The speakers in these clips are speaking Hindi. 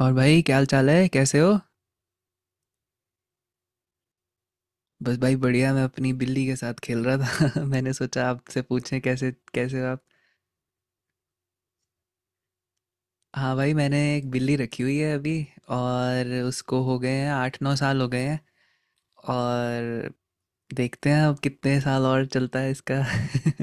और भाई, क्या हाल चाल है? कैसे हो? बस भाई, बढ़िया। मैं अपनी बिल्ली के साथ खेल रहा था। मैंने सोचा आपसे पूछें कैसे कैसे हो आप। हाँ भाई, मैंने एक बिल्ली रखी हुई है अभी, और उसको हो गए हैं 8-9 साल हो गए हैं। और देखते हैं अब कितने साल और चलता है इसका।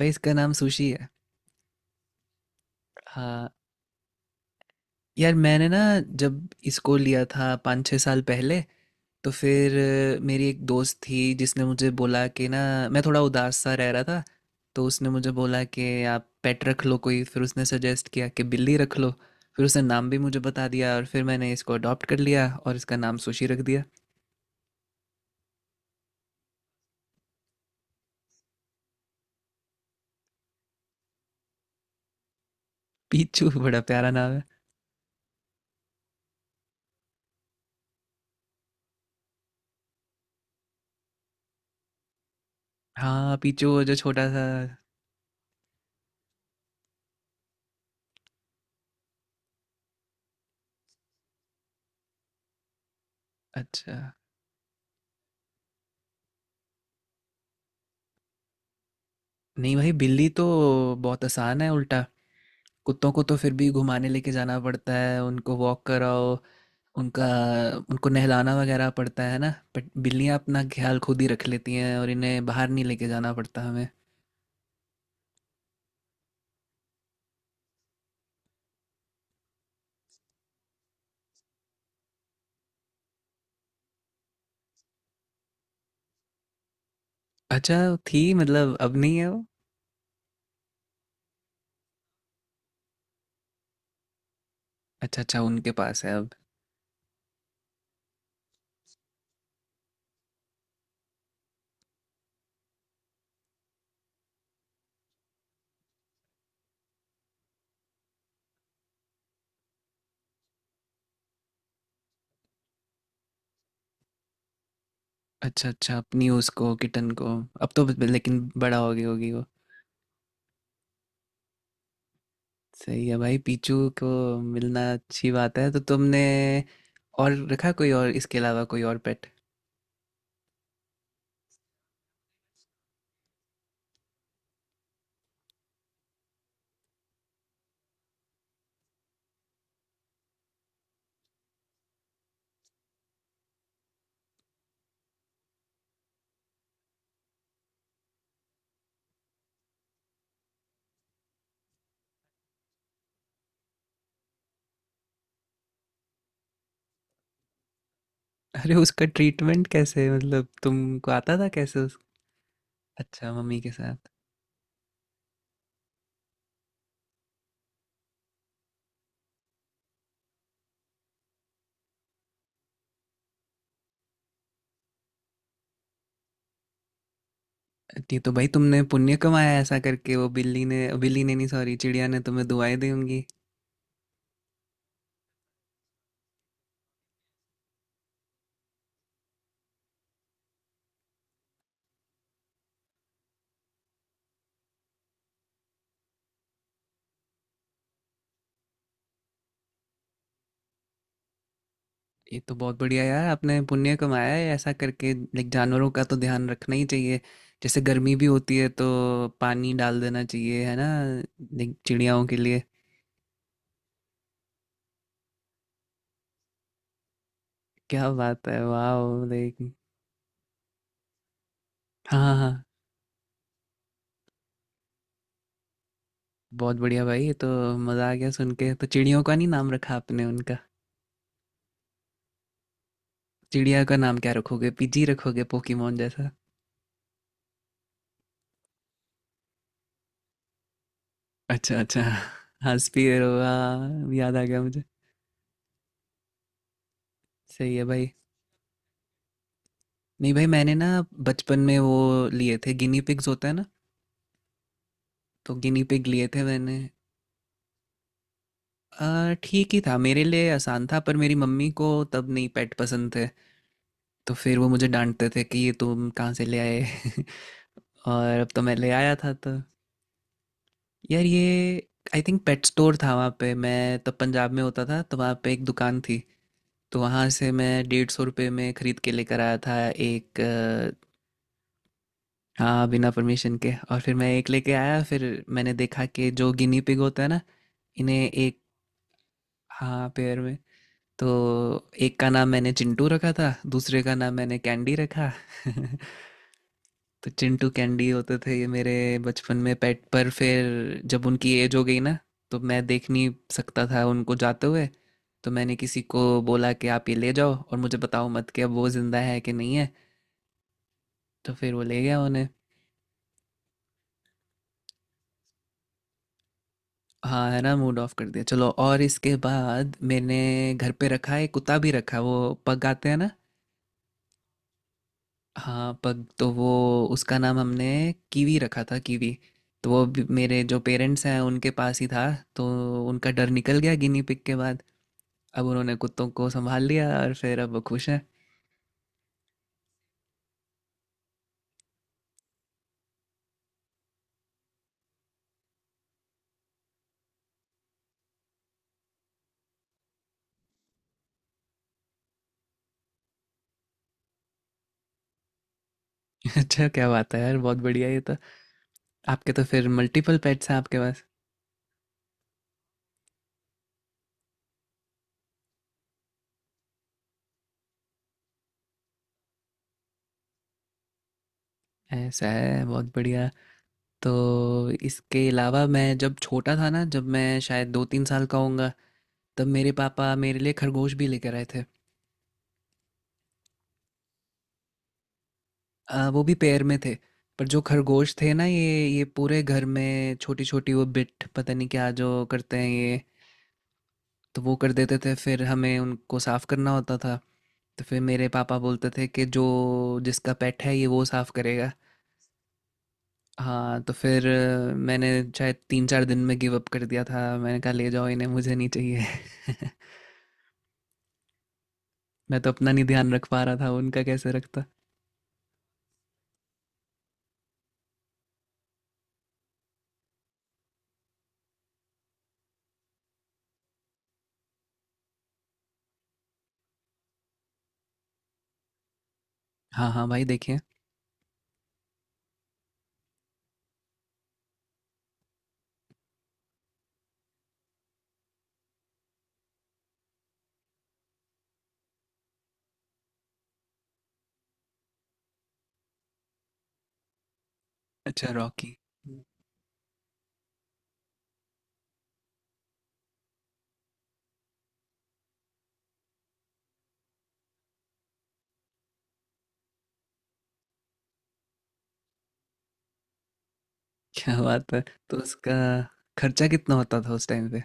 भाई, इसका नाम सुशी है। हाँ यार, मैंने ना, जब इसको लिया था 5-6 साल पहले, तो फिर मेरी एक दोस्त थी जिसने मुझे बोला कि ना मैं थोड़ा उदास सा रह रहा था। तो उसने मुझे बोला कि आप पेट रख लो कोई, फिर उसने सजेस्ट किया कि बिल्ली रख लो। फिर उसने नाम भी मुझे बता दिया और फिर मैंने इसको अडॉप्ट कर लिया और इसका नाम सुशी रख दिया। पीचू, बड़ा प्यारा नाम है। हाँ, पीचू वो जो छोटा सा। अच्छा। नहीं भाई, बिल्ली तो बहुत आसान है उल्टा। कुत्तों को तो फिर भी घुमाने लेके जाना पड़ता है, उनको वॉक कराओ, उनका उनको नहलाना वगैरह पड़ता है ना। बट बिल्लियाँ अपना ख्याल खुद ही रख लेती हैं और इन्हें बाहर नहीं लेके जाना पड़ता हमें। अच्छा, थी मतलब? अब नहीं है वो? अच्छा अच्छा, उनके पास है अब। अच्छा अच्छा, अपनी उसको किटन को। अब तो लेकिन बड़ा हो गई होगी वो। सही है भाई, पीचू को मिलना अच्छी बात है। तो तुमने और रखा कोई, और इसके अलावा कोई और पेट? अरे, उसका ट्रीटमेंट कैसे? मतलब तुमको आता था कैसे उस? अच्छा, मम्मी के साथ। ये तो भाई, तुमने पुण्य कमाया ऐसा करके। वो बिल्ली ने, बिल्ली ने नहीं, सॉरी, चिड़िया ने तुम्हें दुआएं दी होंगी। ये तो बहुत बढ़िया यार, आपने पुण्य कमाया है ऐसा करके। लाइक, जानवरों का तो ध्यान रखना ही चाहिए। जैसे गर्मी भी होती है तो पानी डाल देना चाहिए, है ना? लाइक, चिड़ियाओं के लिए। क्या बात है, वाह। लाइक। हाँ हाँ हाँ, बहुत बढ़िया भाई, ये तो। मज़ा आ गया सुन के। तो चिड़ियों का नहीं नाम रखा आपने उनका? चिड़िया का नाम क्या रखोगे? पिजी रखोगे, पोकीमोन जैसा? अच्छा अच्छा। हाँ, स्पीयर हुआ, याद आ गया मुझे। सही है भाई। नहीं भाई, मैंने ना बचपन में वो लिए थे, गिनी पिग्स होता है ना। तो गिनी पिग लिए थे मैंने। ठीक ही था मेरे लिए, आसान था, पर मेरी मम्मी को तब नहीं पेट पसंद थे। तो फिर वो मुझे डाँटते थे कि ये तुम कहाँ से ले आए। और अब तो मैं ले आया था तो। यार, ये आई थिंक पेट स्टोर था, वहाँ पे। मैं तब पंजाब में होता था, तो वहाँ पे एक दुकान थी। तो वहाँ से मैं 150 रुपये में ख़रीद के लेकर आया था एक। हाँ, बिना परमिशन के, और फिर मैं एक लेके आया। फिर मैंने देखा कि जो गिनी पिग होता है ना, इन्हें एक। हाँ, पेयर में। तो एक का नाम मैंने चिंटू रखा था, दूसरे का नाम मैंने कैंडी रखा। तो चिंटू कैंडी होते थे ये मेरे बचपन में पेट। पर फिर जब उनकी एज हो गई ना, तो मैं देख नहीं सकता था उनको जाते हुए। तो मैंने किसी को बोला कि आप ये ले जाओ और मुझे बताओ मत कि अब वो ज़िंदा है कि नहीं है। तो फिर वो ले गया उन्हें। हाँ, है ना, मूड ऑफ कर दिया। चलो, और इसके बाद मैंने घर पे रखा है, कुत्ता भी रखा, वो पग आते हैं ना। हाँ, पग, तो वो, उसका नाम हमने कीवी रखा था, कीवी। तो वो मेरे जो पेरेंट्स हैं उनके पास ही था। तो उनका डर निकल गया गिनी पिग के बाद। अब उन्होंने कुत्तों को संभाल लिया और फिर अब वो खुश हैं। अच्छा, क्या बात है यार, बहुत बढ़िया ये तो। आपके तो फिर मल्टीपल पेट्स हैं आपके पास। ऐसा है, बहुत बढ़िया। तो इसके अलावा मैं जब छोटा था ना, जब मैं शायद 2-3 साल का होऊंगा, तब मेरे पापा मेरे लिए खरगोश भी लेकर आए थे। वो भी पेड़ में थे। पर जो खरगोश थे ना, ये पूरे घर में छोटी-छोटी वो बिट पता नहीं क्या जो करते हैं ये, तो वो कर देते थे, फिर हमें उनको साफ़ करना होता था। तो फिर मेरे पापा बोलते थे कि जो जिसका पेट है ये वो साफ़ करेगा। हाँ, तो फिर मैंने शायद 3-4 दिन में गिव अप कर दिया था। मैंने कहा ले जाओ इन्हें, मुझे नहीं चाहिए। मैं तो अपना नहीं ध्यान रख पा रहा था, उनका कैसे रखता। हाँ, हाँ, भाई देखिए। अच्छा, रॉकी। क्या बात है। तो उसका खर्चा कितना होता था उस टाइम पे?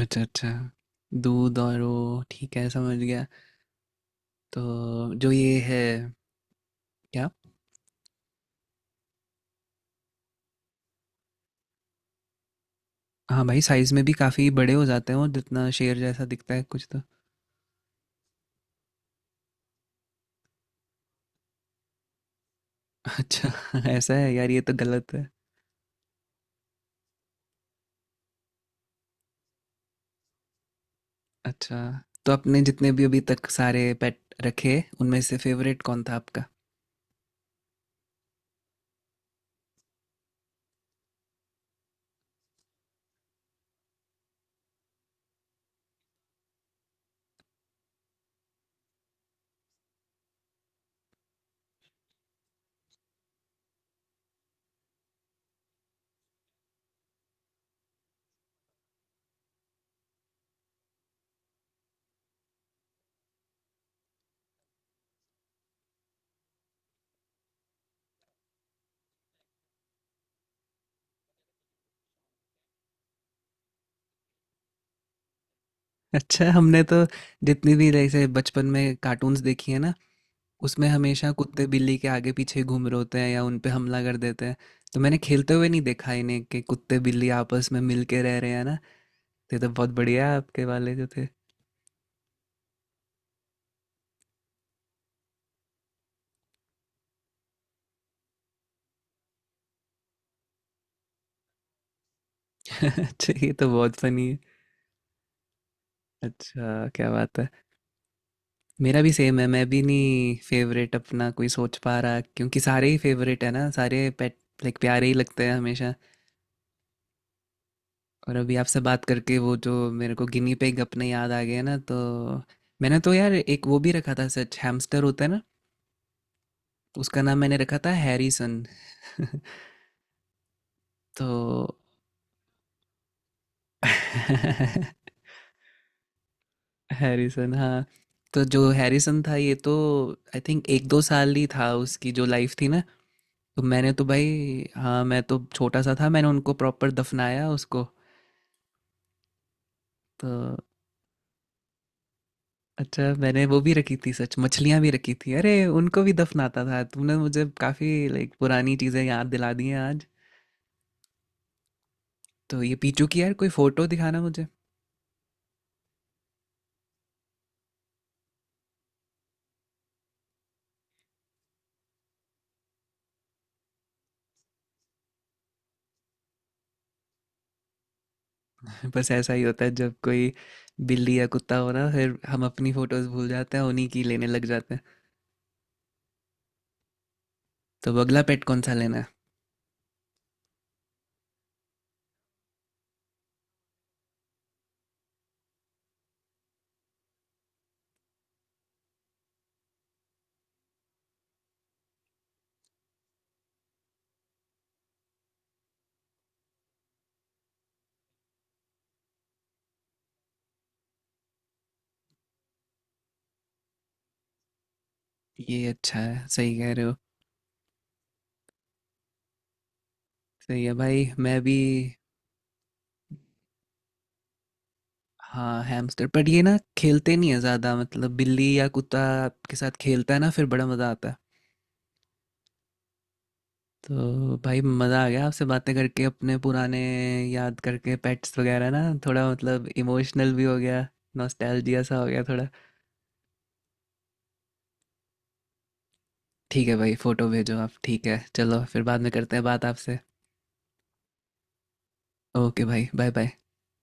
अच्छा अच्छा, दूध और वो ठीक है, समझ गया। तो जो ये है। क्या? हाँ भाई, साइज में भी काफ़ी बड़े हो जाते हैं वो, जितना शेर जैसा दिखता है कुछ तो। अच्छा। ऐसा है यार, ये तो गलत है। अच्छा, तो आपने जितने भी अभी तक सारे पेट रखे, उनमें से फेवरेट कौन था आपका? अच्छा, हमने तो जितनी भी जैसे बचपन में कार्टून्स देखी है ना, उसमें हमेशा कुत्ते बिल्ली के आगे पीछे घूम रहे होते हैं या उन पे हमला कर देते हैं। तो मैंने खेलते हुए नहीं देखा इन्हें कि कुत्ते बिल्ली आपस में मिल के रह रहे हैं ना। तो ये तो बहुत बढ़िया है आपके वाले जो थे। अच्छा, ये तो बहुत फनी है। अच्छा, क्या बात है। मेरा भी सेम है, मैं भी नहीं फेवरेट अपना कोई सोच पा रहा क्योंकि सारे ही फेवरेट है ना, सारे पेट। लाइक, प्यारे ही लगते हैं हमेशा। और अभी आपसे बात करके वो जो मेरे को गिनी पिग अपने याद आ गए ना, तो मैंने तो यार एक वो भी रखा था सच, हैमस्टर होता है ना। तो उसका नाम मैंने रखा था हैरिसन। तो हैरिसन, हाँ। तो जो हैरिसन था, ये तो आई थिंक 1-2 साल ही था उसकी जो लाइफ थी ना। तो मैंने तो भाई, हाँ, मैं तो छोटा सा था, मैंने उनको प्रॉपर दफनाया उसको। तो अच्छा, मैंने वो भी रखी थी सच, मछलियाँ भी रखी थी। अरे, उनको भी दफनाता था, तुमने मुझे काफ़ी लाइक पुरानी चीज़ें याद दिला दी हैं आज। तो ये पीचू की यार कोई फ़ोटो दिखाना मुझे। बस ऐसा ही होता है, जब कोई बिल्ली या कुत्ता हो ना, फिर हम अपनी फोटोज भूल जाते हैं, उन्हीं की लेने लग जाते हैं। तो अब अगला पेट कौन सा लेना है? ये अच्छा है, सही कह रहे हो। सही है भाई, मैं भी। हाँ, हैमस्टर, बट ये ना खेलते नहीं है ज़्यादा, मतलब बिल्ली या कुत्ता आपके साथ खेलता है ना, फिर बड़ा मज़ा आता है। तो भाई, मज़ा आ गया आपसे बातें करके, अपने पुराने याद करके पेट्स वगैरह ना, थोड़ा मतलब इमोशनल भी हो गया। नॉस्टैल्जिया सा हो गया थोड़ा। ठीक है भाई, फ़ोटो भेजो आप। ठीक है, चलो फिर बाद में करते हैं बात आपसे। ओके भाई, बाय बाय।